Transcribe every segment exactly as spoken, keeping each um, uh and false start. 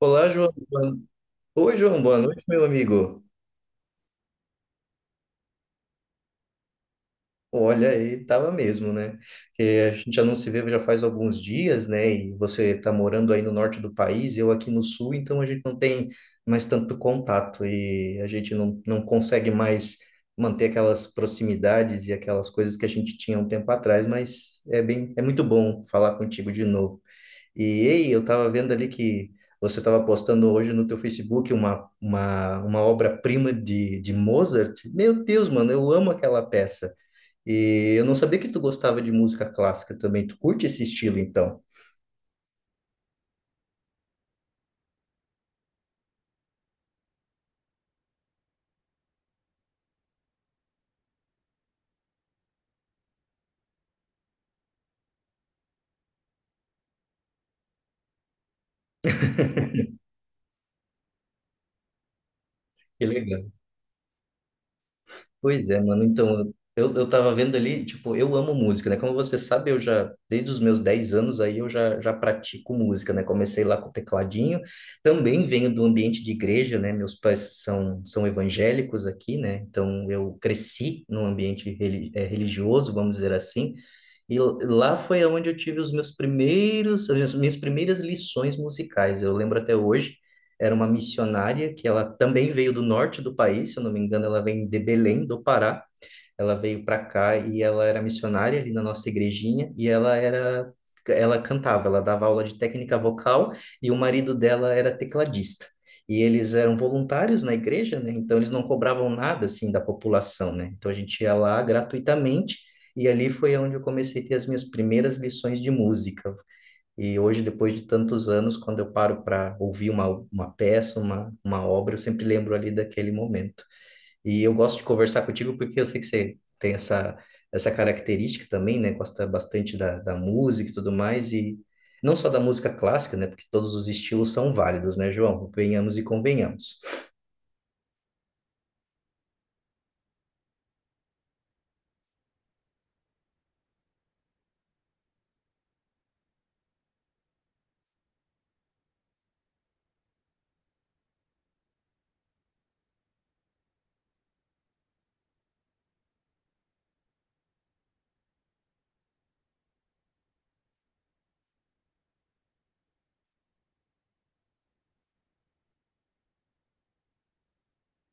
Olá, João. Boa- Oi, João. Boa noite, meu amigo. Olha aí, tava mesmo, né? Que a gente já não se vê já faz alguns dias, né? E você tá morando aí no norte do país, eu aqui no sul, então a gente não tem mais tanto contato e a gente não, não consegue mais manter aquelas proximidades e aquelas coisas que a gente tinha um tempo atrás, mas é bem, é muito bom falar contigo de novo. E ei, eu estava vendo ali que você estava postando hoje no teu Facebook uma, uma, uma obra-prima de, de Mozart. Meu Deus, mano, eu amo aquela peça. E eu não sabia que tu gostava de música clássica também. Tu curte esse estilo, então? Que legal. Pois é, mano. Então, eu, eu tava vendo ali, tipo, eu amo música, né? Como você sabe, eu já, desde os meus dez anos aí, eu já, já pratico música, né? Comecei lá com o tecladinho. Também venho do ambiente de igreja, né? Meus pais são, são evangélicos aqui, né? Então, eu cresci num ambiente reli- eh, religioso, vamos dizer assim. E l- lá foi onde eu tive os meus primeiros, as minhas minhas primeiras lições musicais. Eu lembro até hoje era uma missionária que ela também veio do norte do país, se eu não me engano, ela vem de Belém, do Pará. Ela veio para cá e ela era missionária ali na nossa igrejinha e ela era ela cantava, ela dava aula de técnica vocal e o marido dela era tecladista. E eles eram voluntários na igreja, né? Então eles não cobravam nada assim da população, né? Então a gente ia lá gratuitamente e ali foi onde eu comecei a ter as minhas primeiras lições de música. E hoje, depois de tantos anos, quando eu paro para ouvir uma, uma peça, uma, uma obra, eu sempre lembro ali daquele momento. E eu gosto de conversar contigo porque eu sei que você tem essa, essa característica também, né? Gosta bastante da, da música e tudo mais, e não só da música clássica, né? Porque todos os estilos são válidos, né, João? Venhamos e convenhamos.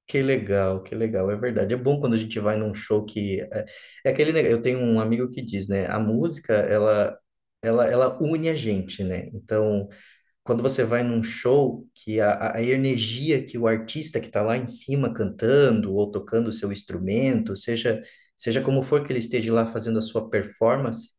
Que legal, que legal, é verdade. É bom quando a gente vai num show que. É, é aquele. neg- Eu tenho um amigo que diz, né? A música, ela, ela, ela une a gente, né? Então, quando você vai num show, que a, a energia que o artista que está lá em cima cantando ou tocando o seu instrumento, seja, seja como for que ele esteja lá fazendo a sua performance,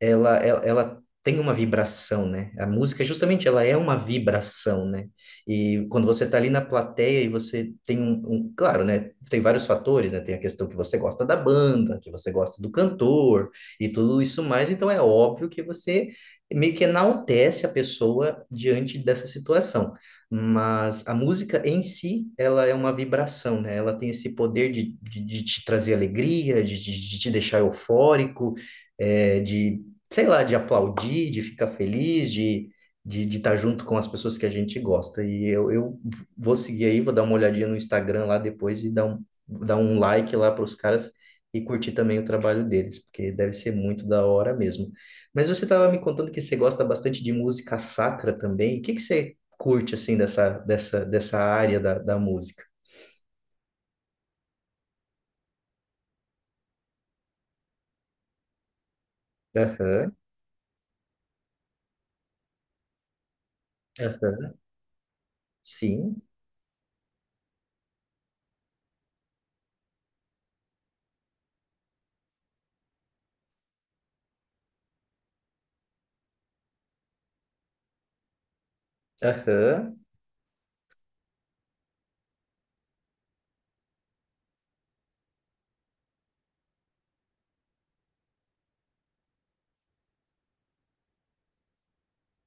ela, ela, ela tem uma vibração, né? A música, justamente, ela é uma vibração, né? E quando você está ali na plateia e você tem um, um- claro, né? Tem vários fatores, né? Tem a questão que você gosta da banda, que você gosta do cantor e tudo isso mais, então é óbvio que você meio que enaltece a pessoa diante dessa situação. Mas a música em si, ela é uma vibração, né? Ela tem esse poder de, de, de te trazer alegria, de, de, de te deixar eufórico, é, de, sei lá, de aplaudir, de ficar feliz, de de de estar junto com as pessoas que a gente gosta. E eu, eu vou seguir aí, vou dar uma olhadinha no Instagram lá depois e dar um, dar um like lá para os caras e curtir também o trabalho deles, porque deve ser muito da hora mesmo. Mas você estava me contando que você gosta bastante de música sacra também. O que que você curte, assim, dessa, dessa, dessa área da, da música? Aham, aham, sim, aham,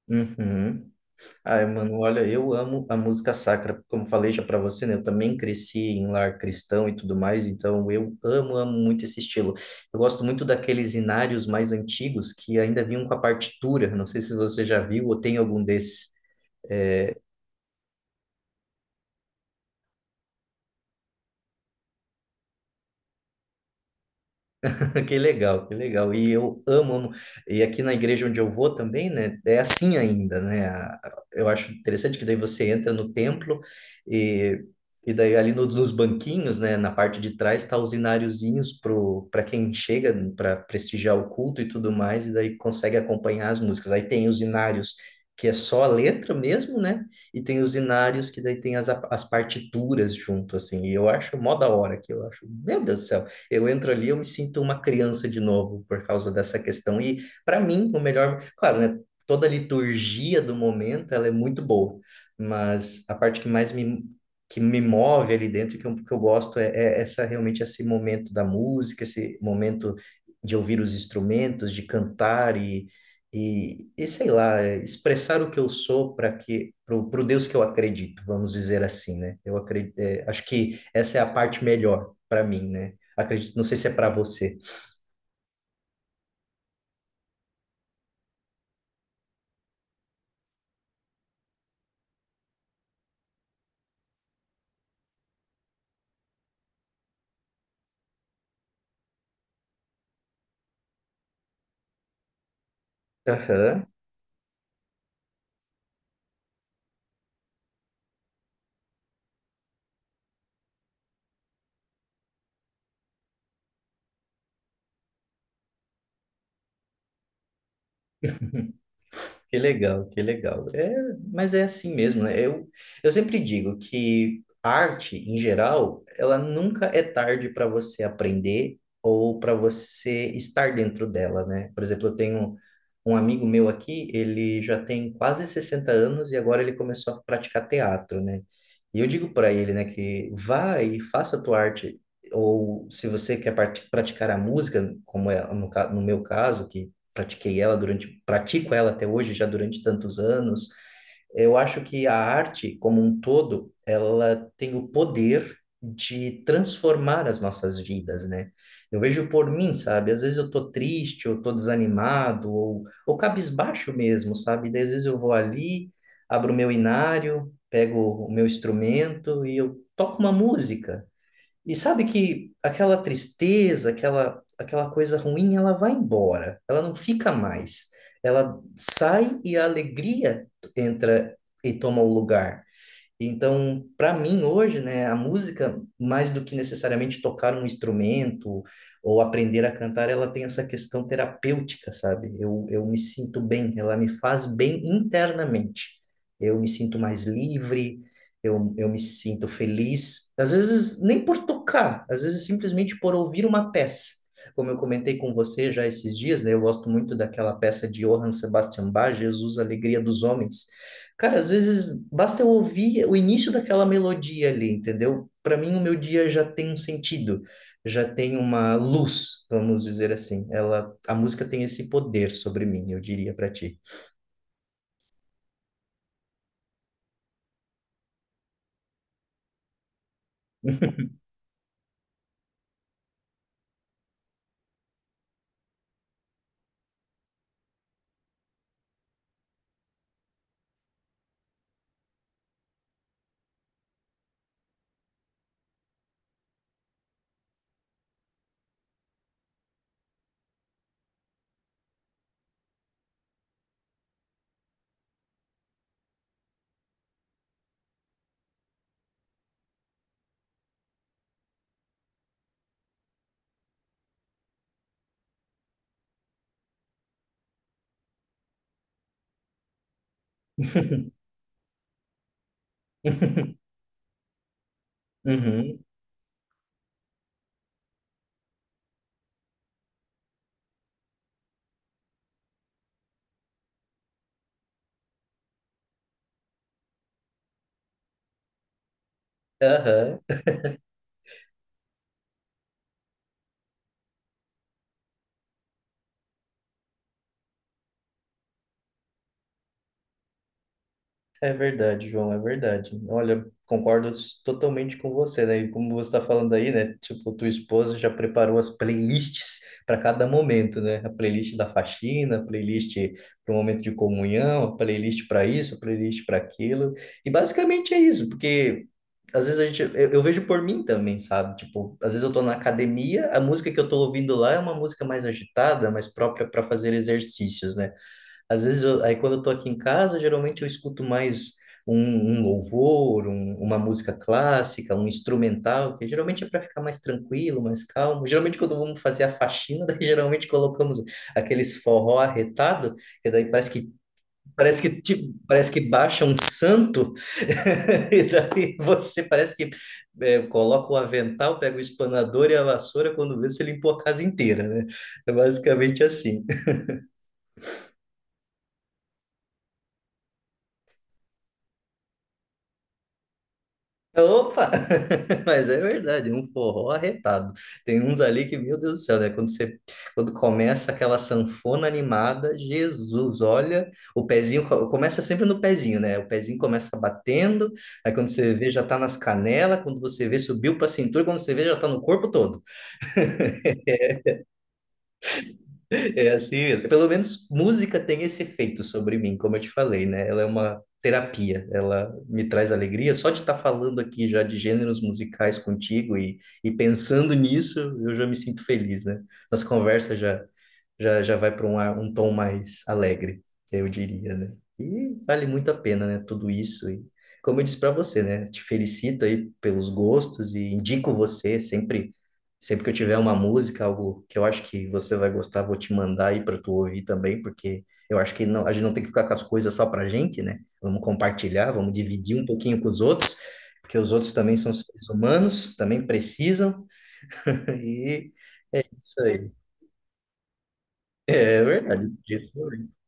uhum. Ai, mano, olha, eu amo a música sacra. Como falei já para você, né? Eu também cresci em lar cristão e tudo mais, então eu amo, amo muito esse estilo. Eu gosto muito daqueles inários mais antigos que ainda vinham com a partitura. Não sei se você já viu ou tem algum desses. Que legal, que legal. E eu amo, amo. E aqui na igreja onde eu vou também, né? É assim ainda, né? A- Eu acho interessante que daí você entra no templo e, e daí ali no- nos banquinhos, né? Na parte de trás tá os inariozinhos pro para quem chega para prestigiar o culto e tudo mais e daí consegue acompanhar as músicas. Aí tem os inários que é só a letra mesmo, né? E tem os inários que daí tem as, as partituras junto assim. E eu acho mó da hora que eu acho. Meu Deus do céu. Eu entro ali, eu me sinto uma criança de novo por causa dessa questão. E para mim, o melhor, claro, né? Toda a liturgia do momento, ela é muito boa, mas a parte que mais me que me move ali dentro, que eu, que eu gosto é, é essa realmente esse momento da música, esse momento de ouvir os instrumentos, de cantar e, e, e sei lá, expressar o que eu sou para que para o Deus que eu acredito, vamos dizer assim, né? Eu acredito, é, acho que essa é a parte melhor para mim, né? Acredito, não sei se é para você. Aham, que legal, que legal. É, mas é assim mesmo, né? Eu, eu sempre digo que arte, em geral, ela nunca é tarde para você aprender ou para você estar dentro dela, né? Por exemplo, eu tenho um amigo meu aqui, ele já tem quase sessenta anos e agora ele começou a praticar teatro, né? E eu digo para ele, né, que vá e faça a tua arte. Ou se você quer parti- praticar a música, como é no, ca- no meu caso, que pratiquei ela durante, pratico ela até hoje, já durante tantos anos. Eu acho que a arte, como um todo, ela tem o poder de transformar as nossas vidas, né? Eu vejo por mim, sabe? Às vezes eu tô triste, ou tô desanimado, ou, ou cabisbaixo mesmo, sabe? Daí às vezes eu vou ali, abro o meu inário, pego o meu instrumento e eu toco uma música. E sabe que aquela tristeza, aquela, aquela coisa ruim, ela vai embora, ela não fica mais. Ela sai e a alegria entra e toma o lugar. Então, para mim hoje, né, a música, mais do que necessariamente tocar um instrumento ou aprender a cantar, ela tem essa questão terapêutica, sabe? Eu, eu me sinto bem, ela me faz bem internamente. Eu me sinto mais livre, eu, eu me sinto feliz. Às vezes, nem por tocar, às vezes simplesmente por ouvir uma peça. Como eu comentei com você já esses dias, né, eu gosto muito daquela peça de Johann Sebastian Bach, Jesus, Alegria dos Homens. Cara, às vezes basta eu ouvir o início daquela melodia ali, entendeu? Para mim, o meu dia já tem um sentido, já tem uma luz, vamos dizer assim. Ela, a música tem esse poder sobre mim, eu diria para ti. Uhum, aham. É verdade, João, é verdade. Olha, concordo s- totalmente com você, né? E como você está falando aí, né? Tipo, tua esposa já preparou as playlists para cada momento, né? A playlist da faxina, a playlist para o momento de comunhão, a playlist para isso, a playlist para aquilo. E basicamente é isso, porque às vezes a gente, eu, eu vejo por mim também, sabe? Tipo, às vezes eu tô na academia, a música que eu tô ouvindo lá é uma música mais agitada, mais própria para fazer exercícios, né? Às vezes, eu- aí quando eu tô aqui em casa, geralmente eu escuto mais um, um louvor, um- uma música clássica, um instrumental, que geralmente é para ficar mais tranquilo, mais calmo. Geralmente, quando vamos fazer a faxina, daí geralmente colocamos aqueles forró arretado, que daí parece que parece que tipo, parece que baixa um santo, e daí você parece que é, coloca o avental, pega o espanador e a vassoura, quando vê, você limpou a casa inteira, né? É basicamente assim. Opa! Mas é verdade, um forró arretado. Tem uns ali que, meu Deus do céu, né? Quando você, quando começa aquela sanfona animada, Jesus, olha, o pezinho co- começa sempre no pezinho, né? O pezinho começa batendo, aí quando você vê já tá nas canelas, quando você vê subiu pra cintura, quando você vê já tá no corpo todo. É assim mesmo. Pelo menos música tem esse efeito sobre mim, como eu te falei, né? Ela é uma terapia, ela me traz alegria. Só de estar falando aqui já de gêneros musicais contigo e, e pensando nisso, eu já me sinto feliz, né? Nossa conversa já, já, já vai para um, ar- um tom mais alegre, eu diria, né? E vale muito a pena, né? Tudo isso. E como eu disse para você, né? Te felicito aí pelos gostos e indico você sempre. Sempre que eu tiver uma música, algo que eu acho que você vai gostar, vou te mandar aí para tu ouvir também, porque eu acho que não, a gente não tem que ficar com as coisas só pra gente, né? Vamos compartilhar, vamos dividir um pouquinho com os outros, porque os outros também são seres humanos, também precisam. E é isso aí. É verdade, isso.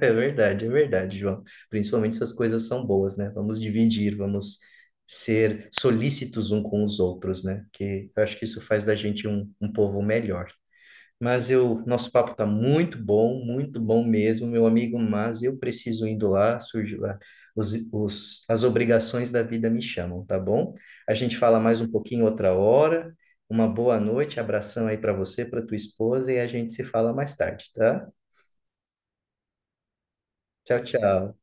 é é verdade, é verdade, João. Principalmente essas coisas são boas, né? Vamos dividir, vamos ser solícitos um com os outros, né? Que eu acho que isso faz da gente um, um povo melhor. Mas eu, nosso papo tá muito bom, muito bom mesmo, meu amigo, mas eu preciso indo lá, surge lá, os, os, as obrigações da vida me chamam, tá bom? A gente fala mais um pouquinho outra hora. Uma boa noite, abração aí para você, para tua esposa e a gente se fala mais tarde, tá? Tchau, tchau.